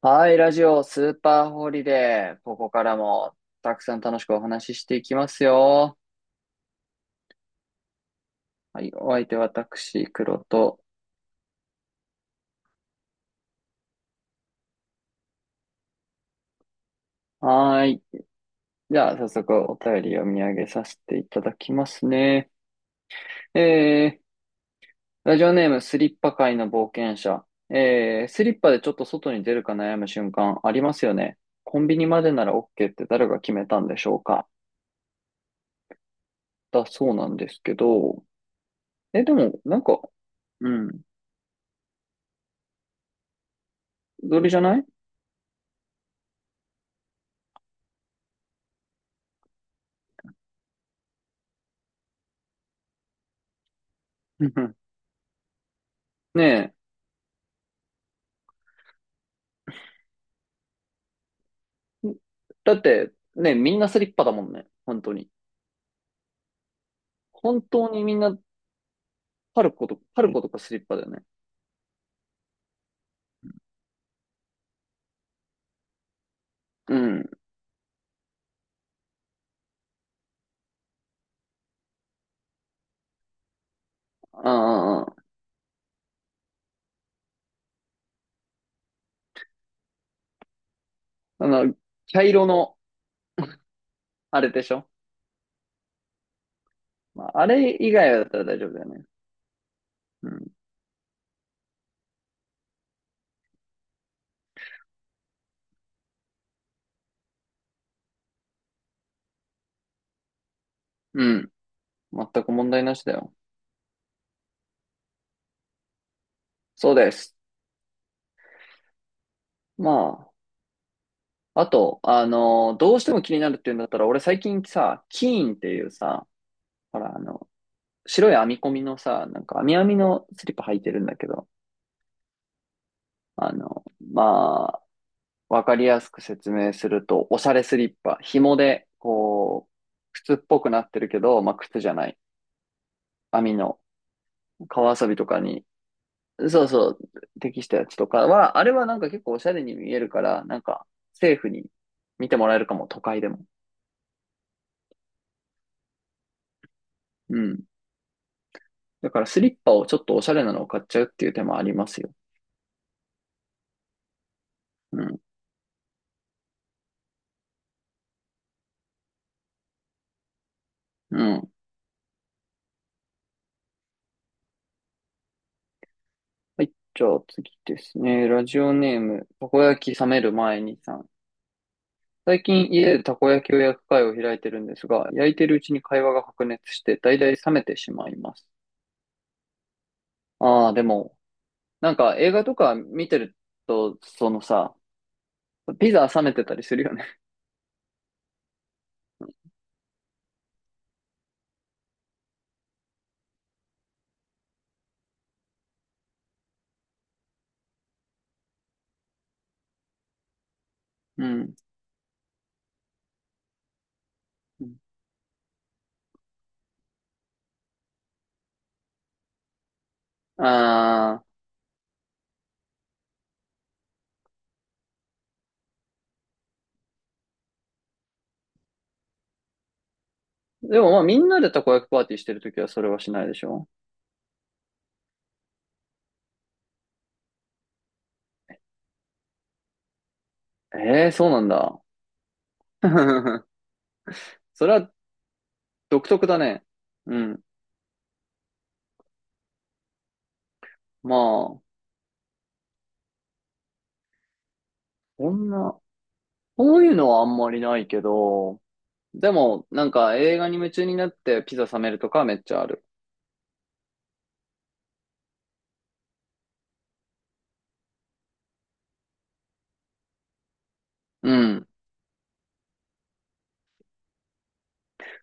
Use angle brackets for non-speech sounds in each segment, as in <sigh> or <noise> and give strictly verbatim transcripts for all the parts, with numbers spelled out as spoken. はい、ラジオスーパーホリデー。ここからもたくさん楽しくお話ししていきますよ。はい、お相手は私、黒と。はーい。じゃあ、早速お便り読み上げさせていただきますね。えー、ラジオネームスリッパ界の冒険者。えー、スリッパでちょっと外に出るか悩む瞬間ありますよね。コンビニまでなら OK って誰が決めたんでしょうかだそうなんですけど。え、でも、なんか、うん、どれじゃない。 <laughs> ねえ。だって、ね、みんなスリッパだもんね。本当に。本当にみんな、パルコとか、パルコとかスリッパだよね。うん。ああ、あの、茶色の、あれでしょ。まあ、あれ以外だったら大丈夫だよね。うん。うん。全く問題なしだよ。そうです。まあ、あと、あの、どうしても気になるっていうんだったら、俺最近さ、キーンっていうさ、ほら、あの、白い編み込みのさ、なんか、編み編みのスリッパ履いてるんだけど、あの、まわかりやすく説明すると、おしゃれスリッパ。紐で、こう、靴っぽくなってるけど、まあ、靴じゃない。網の川遊びとかに、そうそう、適したやつとかは、あれはなんか結構おしゃれに見えるから、なんか、セーフに見てもらえるかも、都会でも。うん。だからスリッパをちょっとおしゃれなのを買っちゃうっていう手もありますよ。うん。うん。はい。じゃあ次ですね。ラジオネーム、たこ焼き冷める前にさん。最近家でたこ焼きを焼く会を開いてるんですが、焼いてるうちに会話が白熱して、だいたい冷めてしまいます。ああ、でも、なんか映画とか見てると、そのさ、ピザ冷めてたりするよね。<laughs> うん。ああ、でもまあみんなでたこ焼きパーティーしてるときはそれはしないでしょ。ええー、そうなんだ。<laughs> それは独特だね。うん。まあ、こんな、こういうのはあんまりないけど、でも、なんか映画に夢中になってピザ冷めるとかはめっちゃある。うん。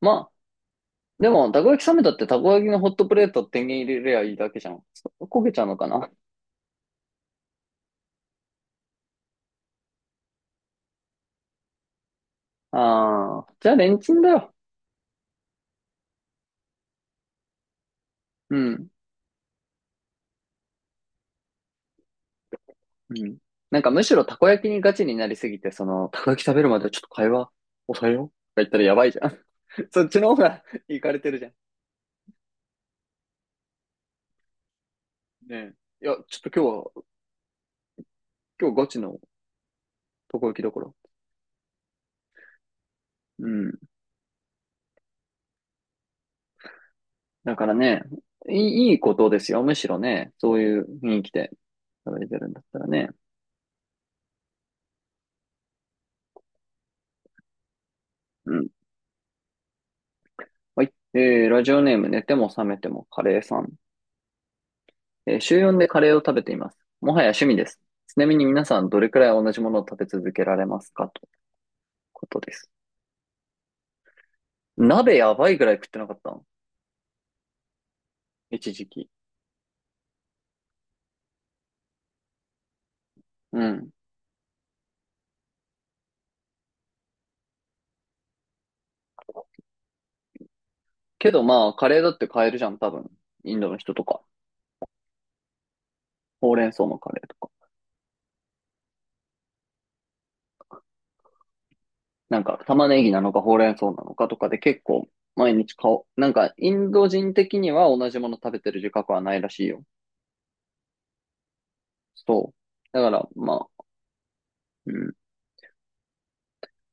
まあ、でも、たこ焼き冷めたってたこ焼きのホットプレート天元入れりゃいいだけじゃん。そ焦げちゃうのかな。ああじゃあレンチンだよ。うん。うん。なんかむしろたこ焼きにガチになりすぎて、その、たこ焼き食べるまでちょっと会話抑えようとか言ったらやばいじゃん。<laughs> そっちの方がいかれてるじゃん。ねえ。いや、ちょっと今日は、今日ガチのたこ焼きだから。うん。だからね、いい、いいことですよ。むしろね、そういう雰囲気で食べてるんだったらね。うん。はい。えー、ラジオネーム、寝ても覚めてもカレーさん。えー、週よんでカレーを食べています。もはや趣味です。ちなみに皆さん、どれくらい同じものを食べ続けられますかということです。鍋やばいぐらい食ってなかったの一時期。うん。けどまあ、カレーだって買えるじゃん、多分。インドの人とか。ほうれん草のカレーとか。なんか、玉ねぎなのかほうれん草なのかとかで結構、毎日買おう。なんか、インド人的には同じもの食べてる自覚はないらしいよ。そう。だから、まあ、うん、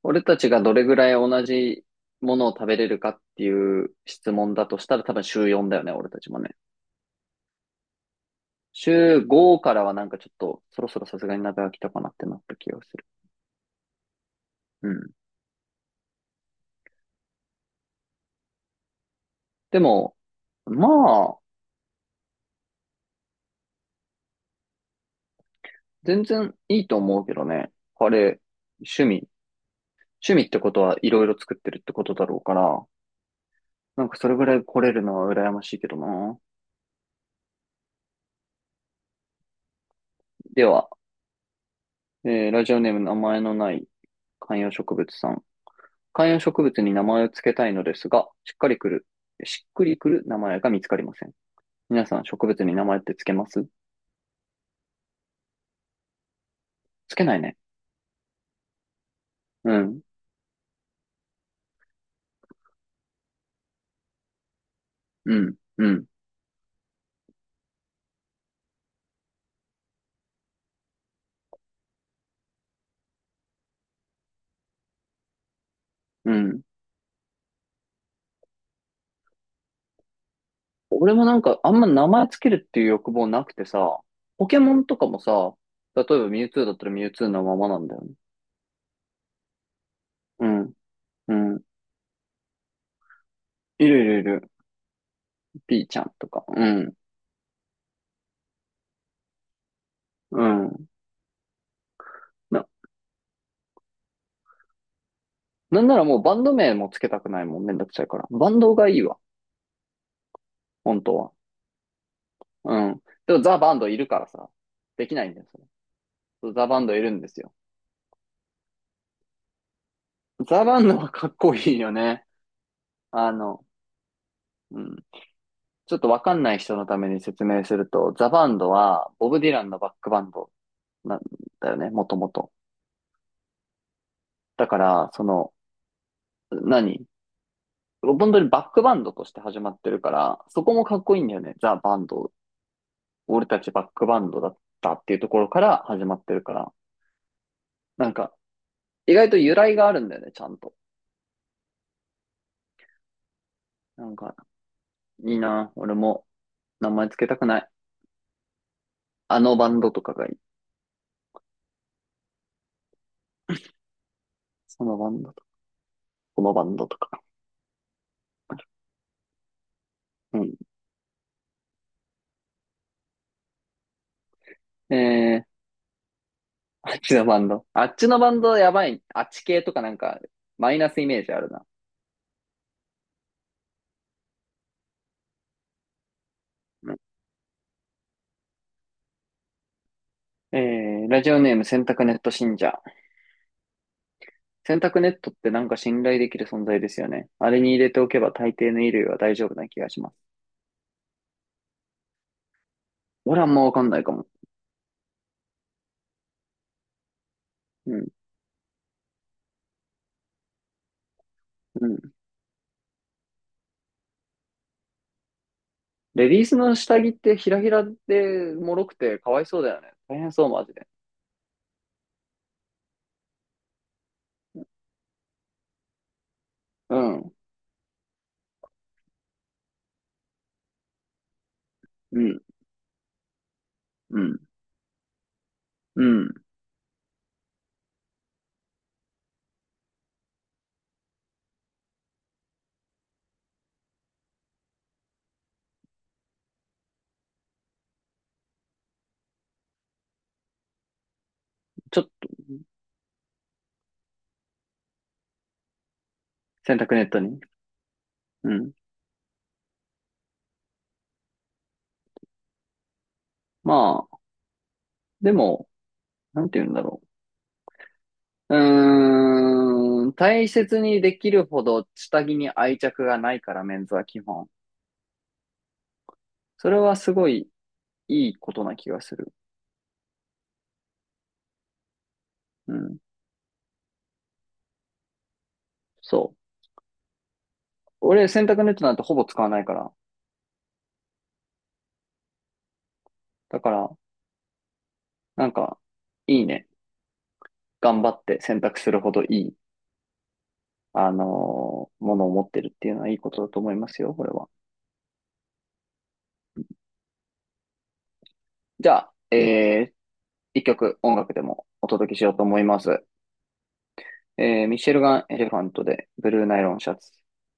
俺たちがどれぐらい同じものを食べれるかっていう質問だとしたら多分週よんだよね、俺たちもね。週ごからはなんかちょっとそろそろさすがに鍋飽きたかなってなった気がする。うん。でも、まあ、全然いいと思うけどね。あれ、趣味。趣味ってことはいろいろ作ってるってことだろうから、なんかそれぐらい来れるのは羨ましいけどな。では、えーラジオネーム名前のない観葉植物さん。観葉植物に名前を付けたいのですが、しっかりくる、しっくりくる名前が見つかりません。皆さん植物に名前って付けます付けないね。うん、うん、うん、うん。俺もなんかあんま名前付けるっていう欲望なくてさ、ポケモンとかもさ、例えばミュウツーだったらミュウツーのままなんだよね。うん、うん。いるいるいる。ピーちゃんとか。うん、うん。な、なんならもうバンド名も付けたくないもんね、めんどくさいから。バンドがいいわ、本当は。うん。でもザ・バンドいるからさ、できないんだよ、それ。そうザ・バンドいるんですよ。ザ・バンドはかっこいいよね。あの、うん。ちょっとわかんない人のために説明すると、ザ・バンドはボブ・ディランのバックバンドなんだよね、もともと。だから、その、何本当にバックバンドとして始まってるから、そこもかっこいいんだよね。ザ・バンド。俺たちバックバンドだったっていうところから始まってるから。なんか、意外と由来があるんだよね、ちゃんと。なんか、いいな。俺も名前つけたくない。あのバンドとかがいい。そのバンドとか、このバンドとか。うん。えー、あっちのバンド。あっちのバンドやばい。あっち系とかなんか、マイナスイメージあるな。うん。えー、ラジオネーム洗濯ネット信者。洗濯ネットってなんか信頼できる存在ですよね。あれに入れておけば大抵の衣類は大丈夫な気がします。俺はあんまわかんないかも。うん、うん。レディースの下着ってひらひらで脆くてかわいそうだよね。大変そう、マジで。うん、うん、うん、うん。ちょっ洗濯ネットに。うん。まあ、でも、なんて言うんだろう。うーん、大切にできるほど下着に愛着がないから、メンズは基本。それはすごいいいことな気がする。うん。そう。俺、洗濯ネットなんてほぼ使わないから。だから、なんか、いいね。頑張って洗濯するほどいい、あのーものを持ってるっていうのはいいことだと思いますよ、これは。じゃあ、えー、一曲音楽でもお届けしようと思います。えーミシェルガン・エレファントで、ブルーナイロンシャツ。